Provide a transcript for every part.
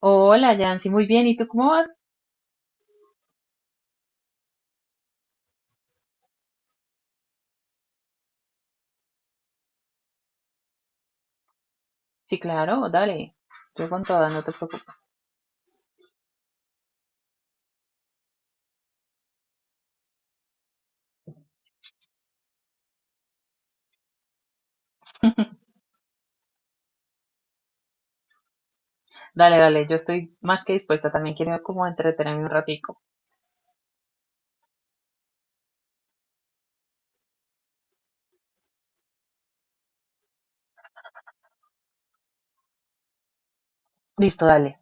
Hola, Yancy, muy bien. ¿Y tú cómo vas? Sí, claro, dale. Yo con toda, no te preocupes. Dale, dale, yo estoy más que dispuesta. También quiero como entretenerme un ratico. Listo, dale.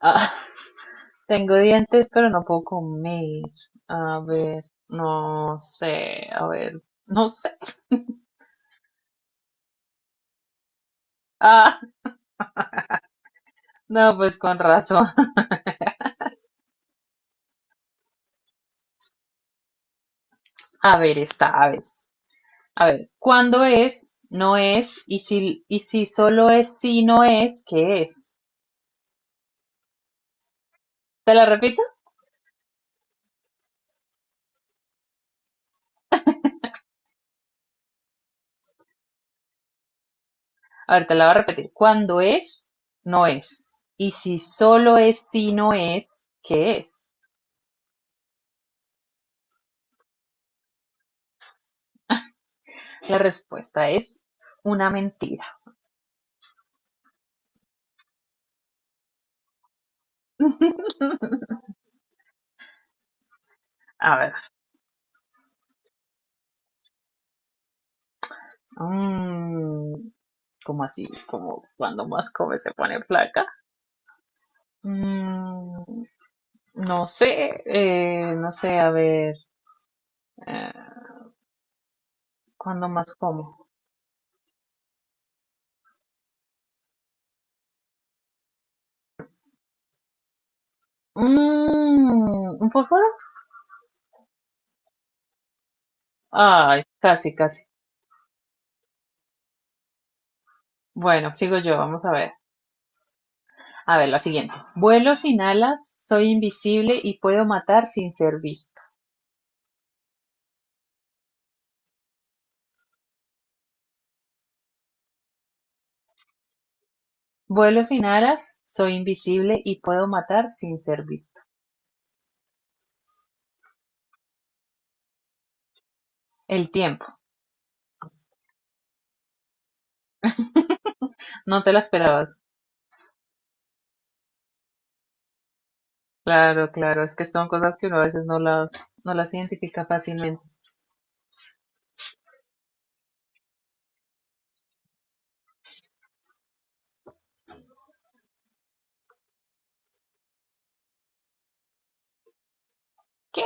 Ah, tengo dientes, pero no puedo comer. A ver, no sé, a ver, no sé. Ah, no, pues con razón. A ver, esta vez. A ver, ¿cuándo es? No es. Y si solo es si no es, ¿qué es? Te la repito. A ver, te la voy a repetir. Cuando es, no es. Y si solo es si no es, ¿qué es? La respuesta es una mentira. A ver, mm, ¿cómo así? Como cuando más come se pone flaca. Mm, no sé, no sé, a ver, eh, ¿cuándo más como? ¿Un fósforo? Ay, casi, casi. Bueno, sigo yo, vamos a ver. A ver, la siguiente. Vuelo sin alas, soy invisible y puedo matar sin ser visto. Vuelo sin alas, soy invisible y puedo matar sin ser visto. El tiempo. No te la esperabas. Claro, claro. Es que son cosas que uno a veces no las identifica fácilmente. ¿Qué?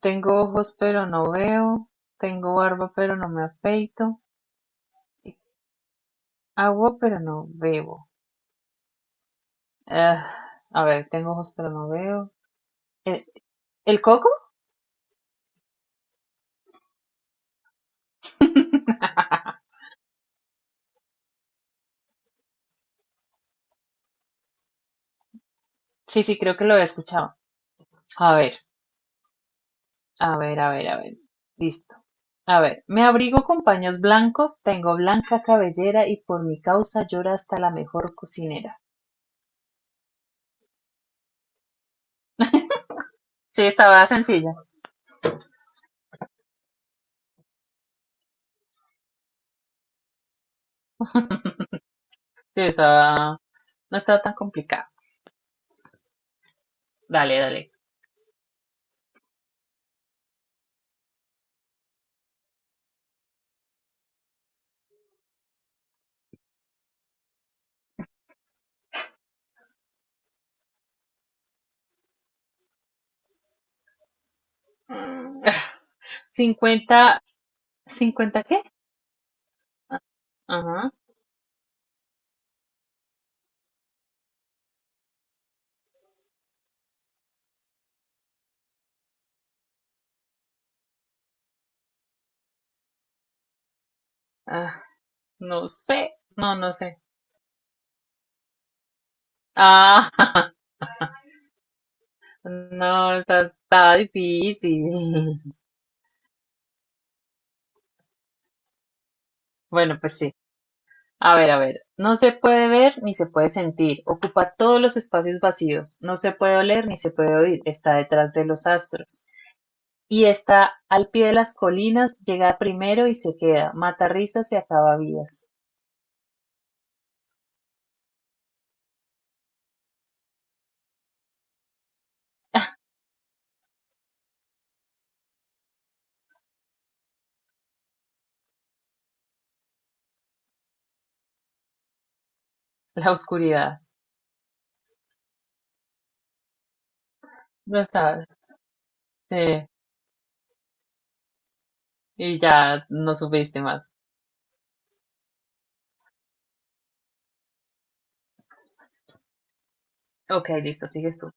Tengo ojos pero no veo. Tengo barba pero no me afeito. Agua pero no bebo. Ah, a ver, tengo ojos pero no veo. ¿El, el coco? Sí, sí, creo que lo he escuchado. A ver, a ver, a ver, a ver. Listo. A ver, me abrigo con paños blancos, tengo blanca cabellera y por mi causa llora hasta la mejor cocinera. Sí, estaba sencilla. Sí, No estaba tan complicada. Dale, dale. Mm, 50 ¿50 qué? Ah, ajá. Ah, no sé. No, no sé. Ah, no, está difícil. Bueno, pues sí. A ver, no se puede ver ni se puede sentir, ocupa todos los espacios vacíos, no se puede oler ni se puede oír, está detrás de los astros y está al pie de las colinas, llega primero y se queda, mata risas y acaba vidas. La oscuridad, no está, sí, y ya no supiste más. Ok, listo, sigues tú.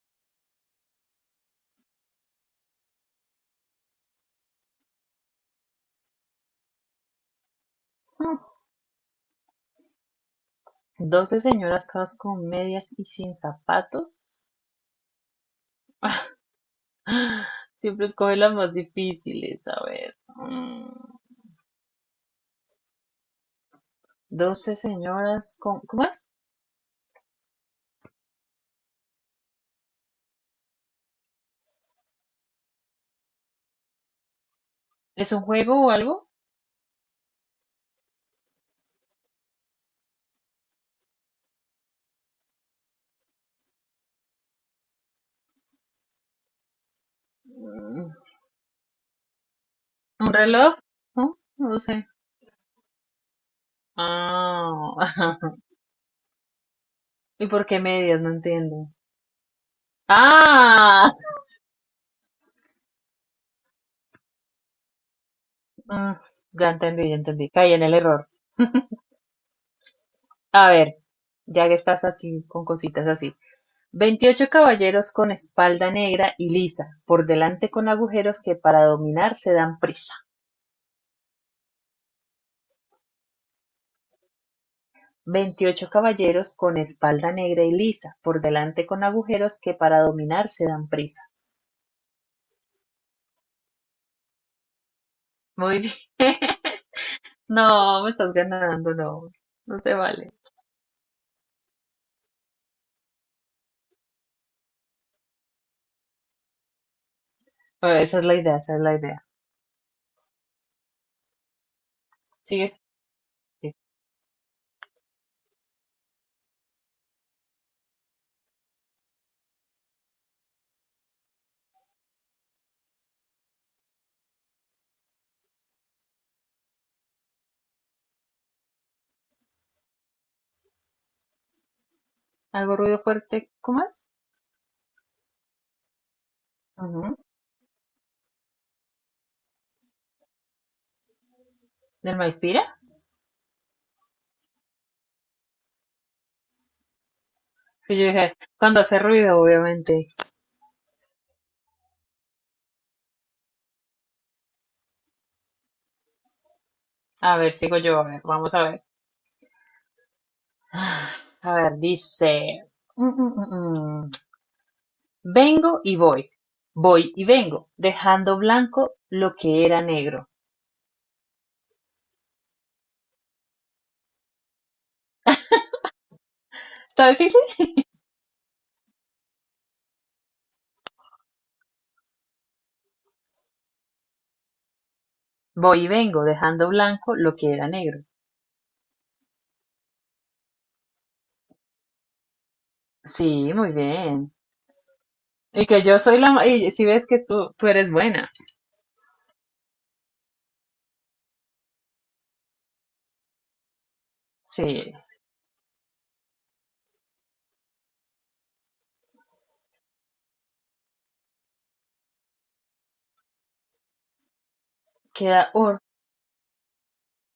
Doce señoras todas con medias y sin zapatos. Siempre escoge las más difíciles, a ver. Mm. Doce señoras con, ¿cómo es? ¿Es un juego o algo? Mm, ¿Un reloj? No, no lo sé. Ah, ¿y por qué medias? No entiendo. Ah, Mm, ya entendí, ya entendí. Caí en el error. A ver, ya que estás así, con cositas así. 28 caballeros con espalda negra y lisa, por delante con agujeros que para dominar se dan prisa. 28 caballeros con espalda negra y lisa, por delante con agujeros que para dominar se dan prisa. Muy bien. No, me estás ganando, no. No se vale. Bueno, esa es la idea, esa es la idea. ¿Sigues? ¿Algo ruido fuerte? ¿Cómo es? Ujú. ¿Del maíz pira? Sí, yo dije, cuando hace ruido, obviamente. A ver, sigo yo, a ver, vamos a ver. A ver, dice, mm, mm, mm, mm. Vengo y voy, voy y vengo, dejando blanco lo que era negro. ¿Está difícil? Voy y vengo, dejando blanco lo que era negro. Sí, muy bien. Y que yo soy la... ma- Y si ves que tú eres buena. Sí, queda or-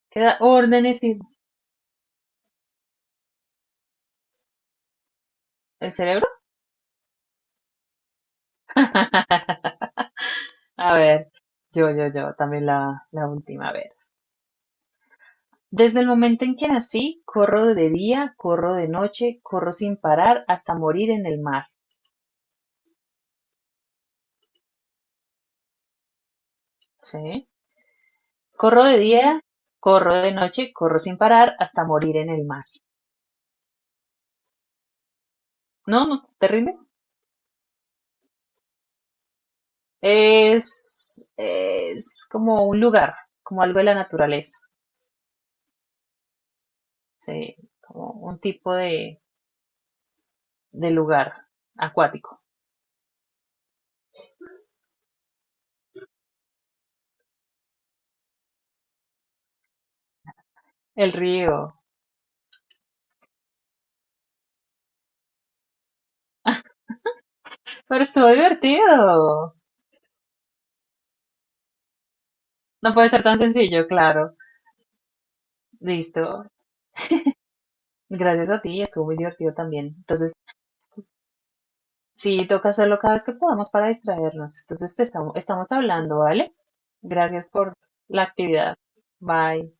que órdenes y el cerebro. A ver, yo, también la última. A ver. Desde el momento en que nací, corro de día, corro de noche, corro sin parar hasta morir en el mar. ¿Sí? Corro de día, corro de noche, corro sin parar hasta morir en el mar. No, no, ¿te rindes? Es como un lugar, como algo de la naturaleza. Sí, como un tipo de lugar acuático. El río. Pero estuvo divertido. No puede ser tan sencillo, claro. Listo. Gracias a ti, estuvo muy divertido también. Entonces, sí, toca hacerlo cada vez que podamos para distraernos. Entonces, estamos hablando, ¿vale? Gracias por la actividad. Bye.